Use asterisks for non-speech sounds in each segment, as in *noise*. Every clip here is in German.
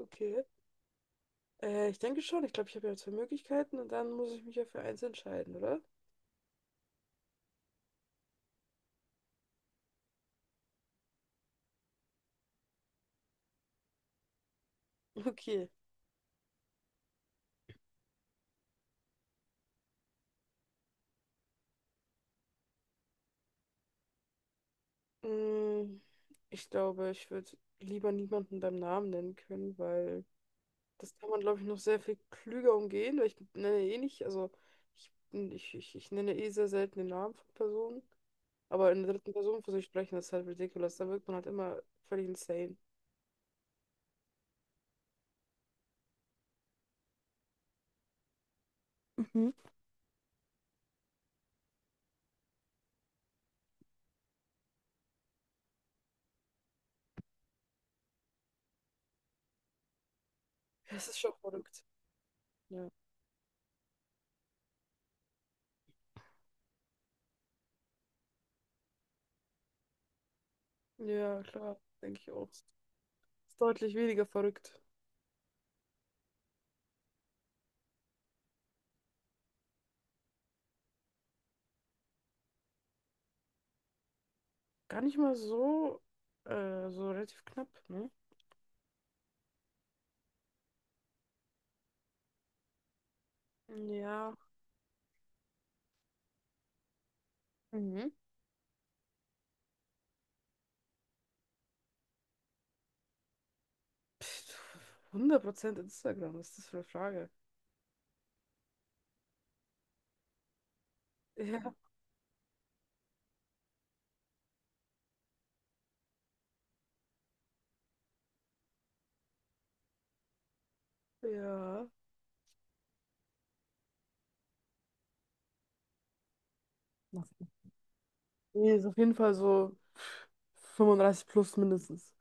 Okay. Ich denke schon. Ich glaube, ich habe ja zwei Möglichkeiten und dann muss ich mich ja für eins entscheiden, oder? *laughs* Okay. Mm, ich glaube, ich würde lieber niemanden beim Namen nennen können, weil das kann man, glaube ich, noch sehr viel klüger umgehen, weil ich nenne eh nicht, also ich nenne eh sehr selten den Namen von Personen, aber in der dritten Person für sich sprechen, das ist halt ridiculous. Da wirkt man halt immer völlig insane. Mhm. Das ist schon verrückt. Ja. Ja, klar, denke ich auch. Ist deutlich weniger verrückt. Gar nicht mal so, so relativ knapp, ne? Ja. Mhm. Pff, 100% Instagram, was ist das für eine Frage? Ja, ja. Nee, ist auf jeden Fall so 35 plus mindestens.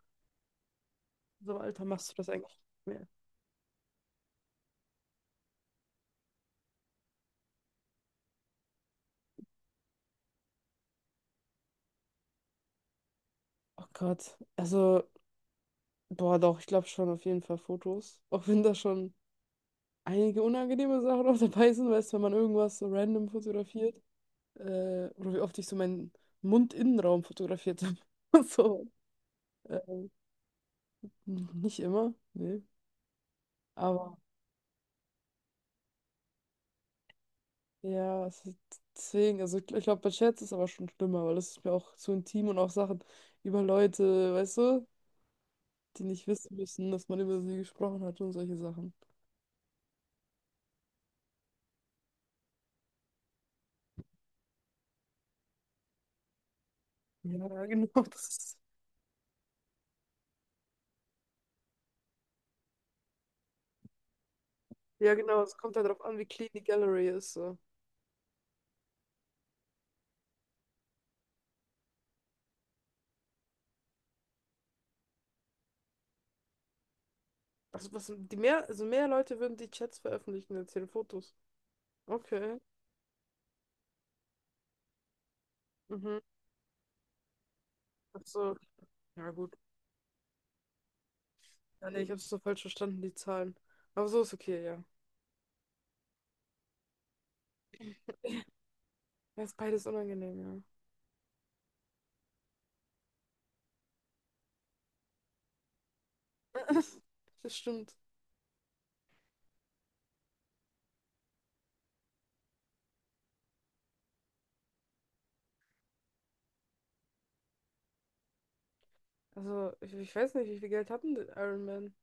So im Alter machst du das eigentlich nicht mehr. Oh Gott. Also, boah, doch, ich glaube schon auf jeden Fall Fotos. Auch wenn da schon einige unangenehme Sachen auch dabei sind, weißt du, wenn man irgendwas so random fotografiert. Oder wie oft ich so meinen Mundinnenraum fotografiert habe. *laughs* So. Äh, nicht immer, nee. Aber ja, es ist, deswegen, also ich glaube, bei Chats ist aber schon schlimmer, weil das ist mir auch zu intim und auch Sachen über Leute, weißt du, die nicht wissen müssen, dass man über sie gesprochen hat und solche Sachen. Ja, genau, *laughs* das ist, ja, genau, es kommt halt darauf an, wie clean die Gallery ist. So. Also, was, die mehr, also mehr Leute würden die Chats veröffentlichen als ihre Fotos. Okay. Mhm. Ach so, ja, gut. Ja, nee, ich habe es so falsch verstanden, die Zahlen. Aber so ist okay, ja. Ja, ist beides unangenehm, ja. *laughs* Das stimmt. Also, ich weiß nicht, wie viel Geld hatten denn der Iron Man?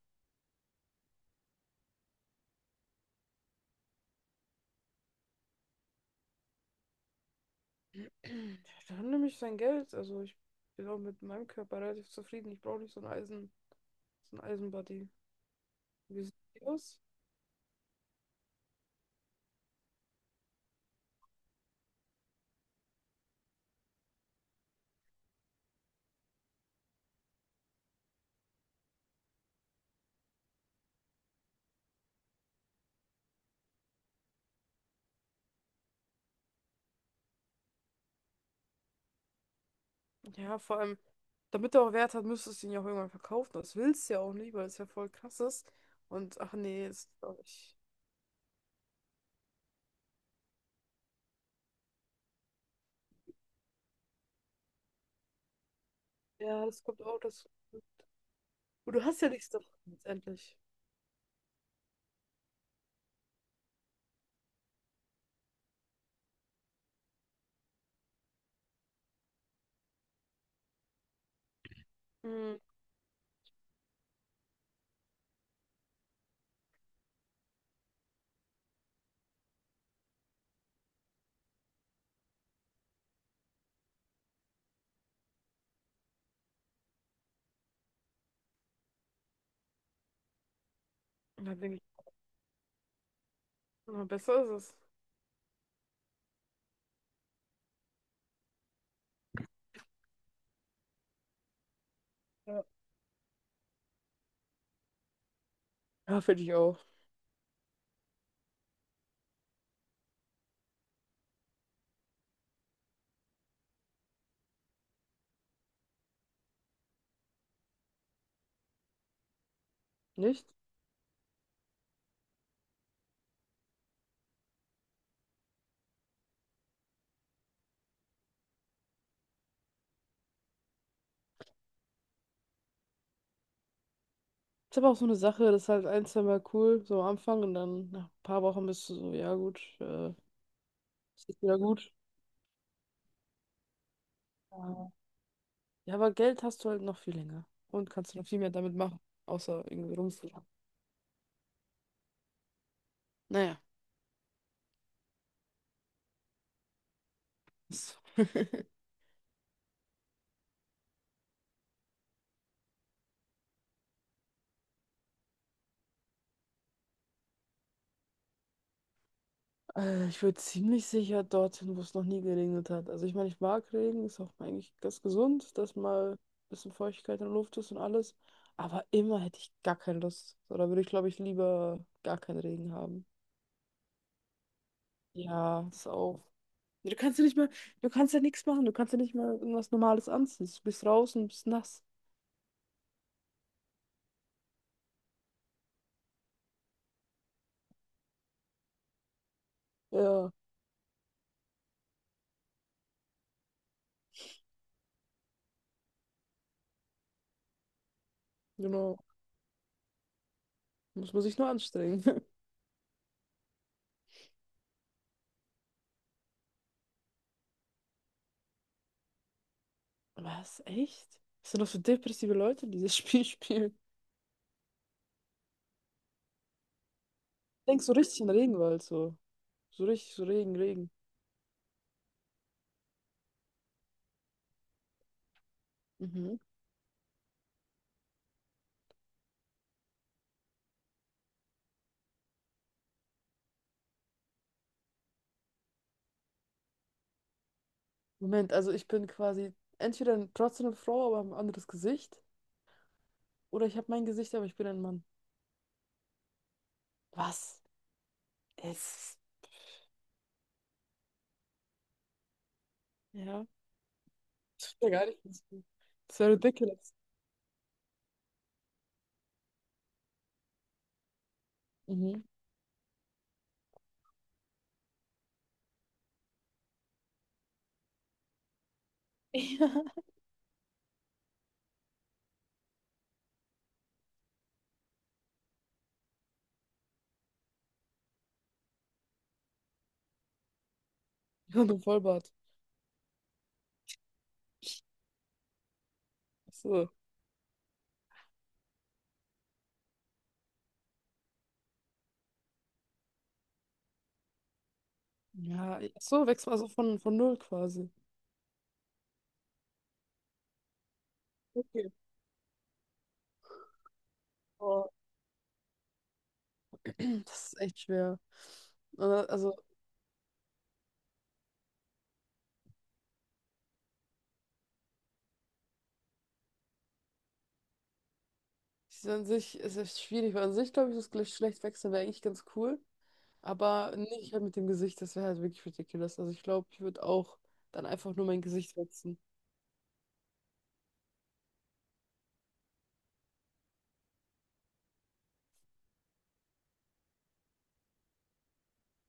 *clears throat* Der hat nämlich sein Geld. Also, ich bin auch mit meinem Körper relativ zufrieden. Ich brauche nicht so ein Eisen, so ein Eisenbody. Wie sieht die aus? Ja, vor allem, damit er auch Wert hat, müsstest du ihn ja auch irgendwann verkaufen. Das willst du ja auch nicht, weil es ja voll krass ist. Und, ach nee, ist auch nicht. Ja, das kommt auch dazu. Und du hast ja nichts davon, letztendlich. Mhm. Dann denke ich, na, besser ist es. Ja, ja finde ich auch. Nicht? Ist aber auch so eine Sache, das ist halt ein, zwei Mal cool, so am Anfang und dann nach ein paar Wochen bist du so, ja gut, ist jetzt wieder gut. Ja. Ja, aber Geld hast du halt noch viel länger und kannst du noch viel mehr damit machen, außer irgendwie rumfliegen. Naja. Ist. *laughs* Ich würde ziemlich sicher dorthin, wo es noch nie geregnet hat. Also ich meine, ich mag Regen, ist auch eigentlich ganz gesund, dass mal ein bisschen Feuchtigkeit in der Luft ist und alles. Aber immer hätte ich gar keine Lust. So, da würde ich, glaube ich, lieber gar keinen Regen haben. Ja, ist auch. Du kannst ja nicht mal, du kannst ja nichts machen, du kannst ja nicht mal irgendwas Normales anziehen. Du bist raus und bist nass. Ja, genau. Muss man sich nur anstrengen. *laughs* Was? Echt? Was sind das für depressive Leute, die das *laughs* Spiel spielen? Denkst so richtig in den Regenwald, so. So richtig, so Regen, Regen. Mhm. Moment, also ich bin quasi entweder trotzdem eine Frau, aber ein anderes Gesicht. Oder ich habe mein Gesicht, aber ich bin ein Mann. Was? Es. Ja. Das wäre gar nicht. Das wäre ridiculous. Mhm. *laughs* Ja. Und ein Vollbart. Achso. Ja, ach so wächst man also von null quasi. Okay. Boah. *clears throat* Das ist echt schwer. Also, es ist an sich es ist schwierig, weil an sich glaube ich, das Geschlecht wechseln wäre eigentlich ganz cool. Aber nicht halt mit dem Gesicht, das wäre halt wirklich ridiculous. Also, ich glaube, ich würde auch dann einfach nur mein Gesicht wechseln.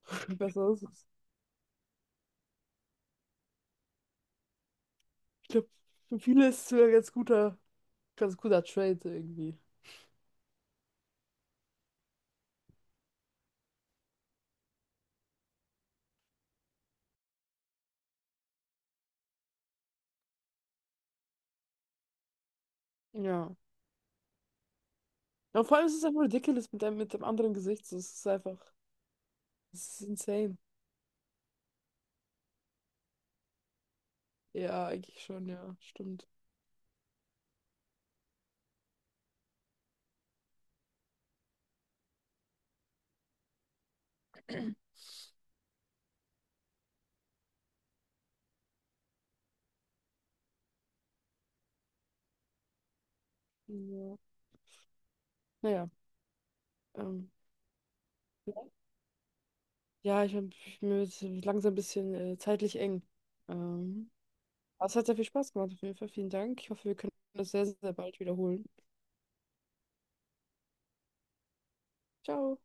*laughs* Besser ist es. Ich glaube, für viele ist es sogar ein ganz guter Trade irgendwie. Ja. Ja, und vor allem ist es einfach ridiculous mit dem anderen Gesicht. So, es ist einfach, es ist insane. Ja, eigentlich schon, ja, stimmt. Ja. Naja, ähm, ja, ich bin mir wird's langsam ein bisschen zeitlich eng. Ähm, aber es hat sehr viel Spaß gemacht, auf jeden Fall. Vielen Dank. Ich hoffe, wir können das sehr, sehr bald wiederholen. Ciao.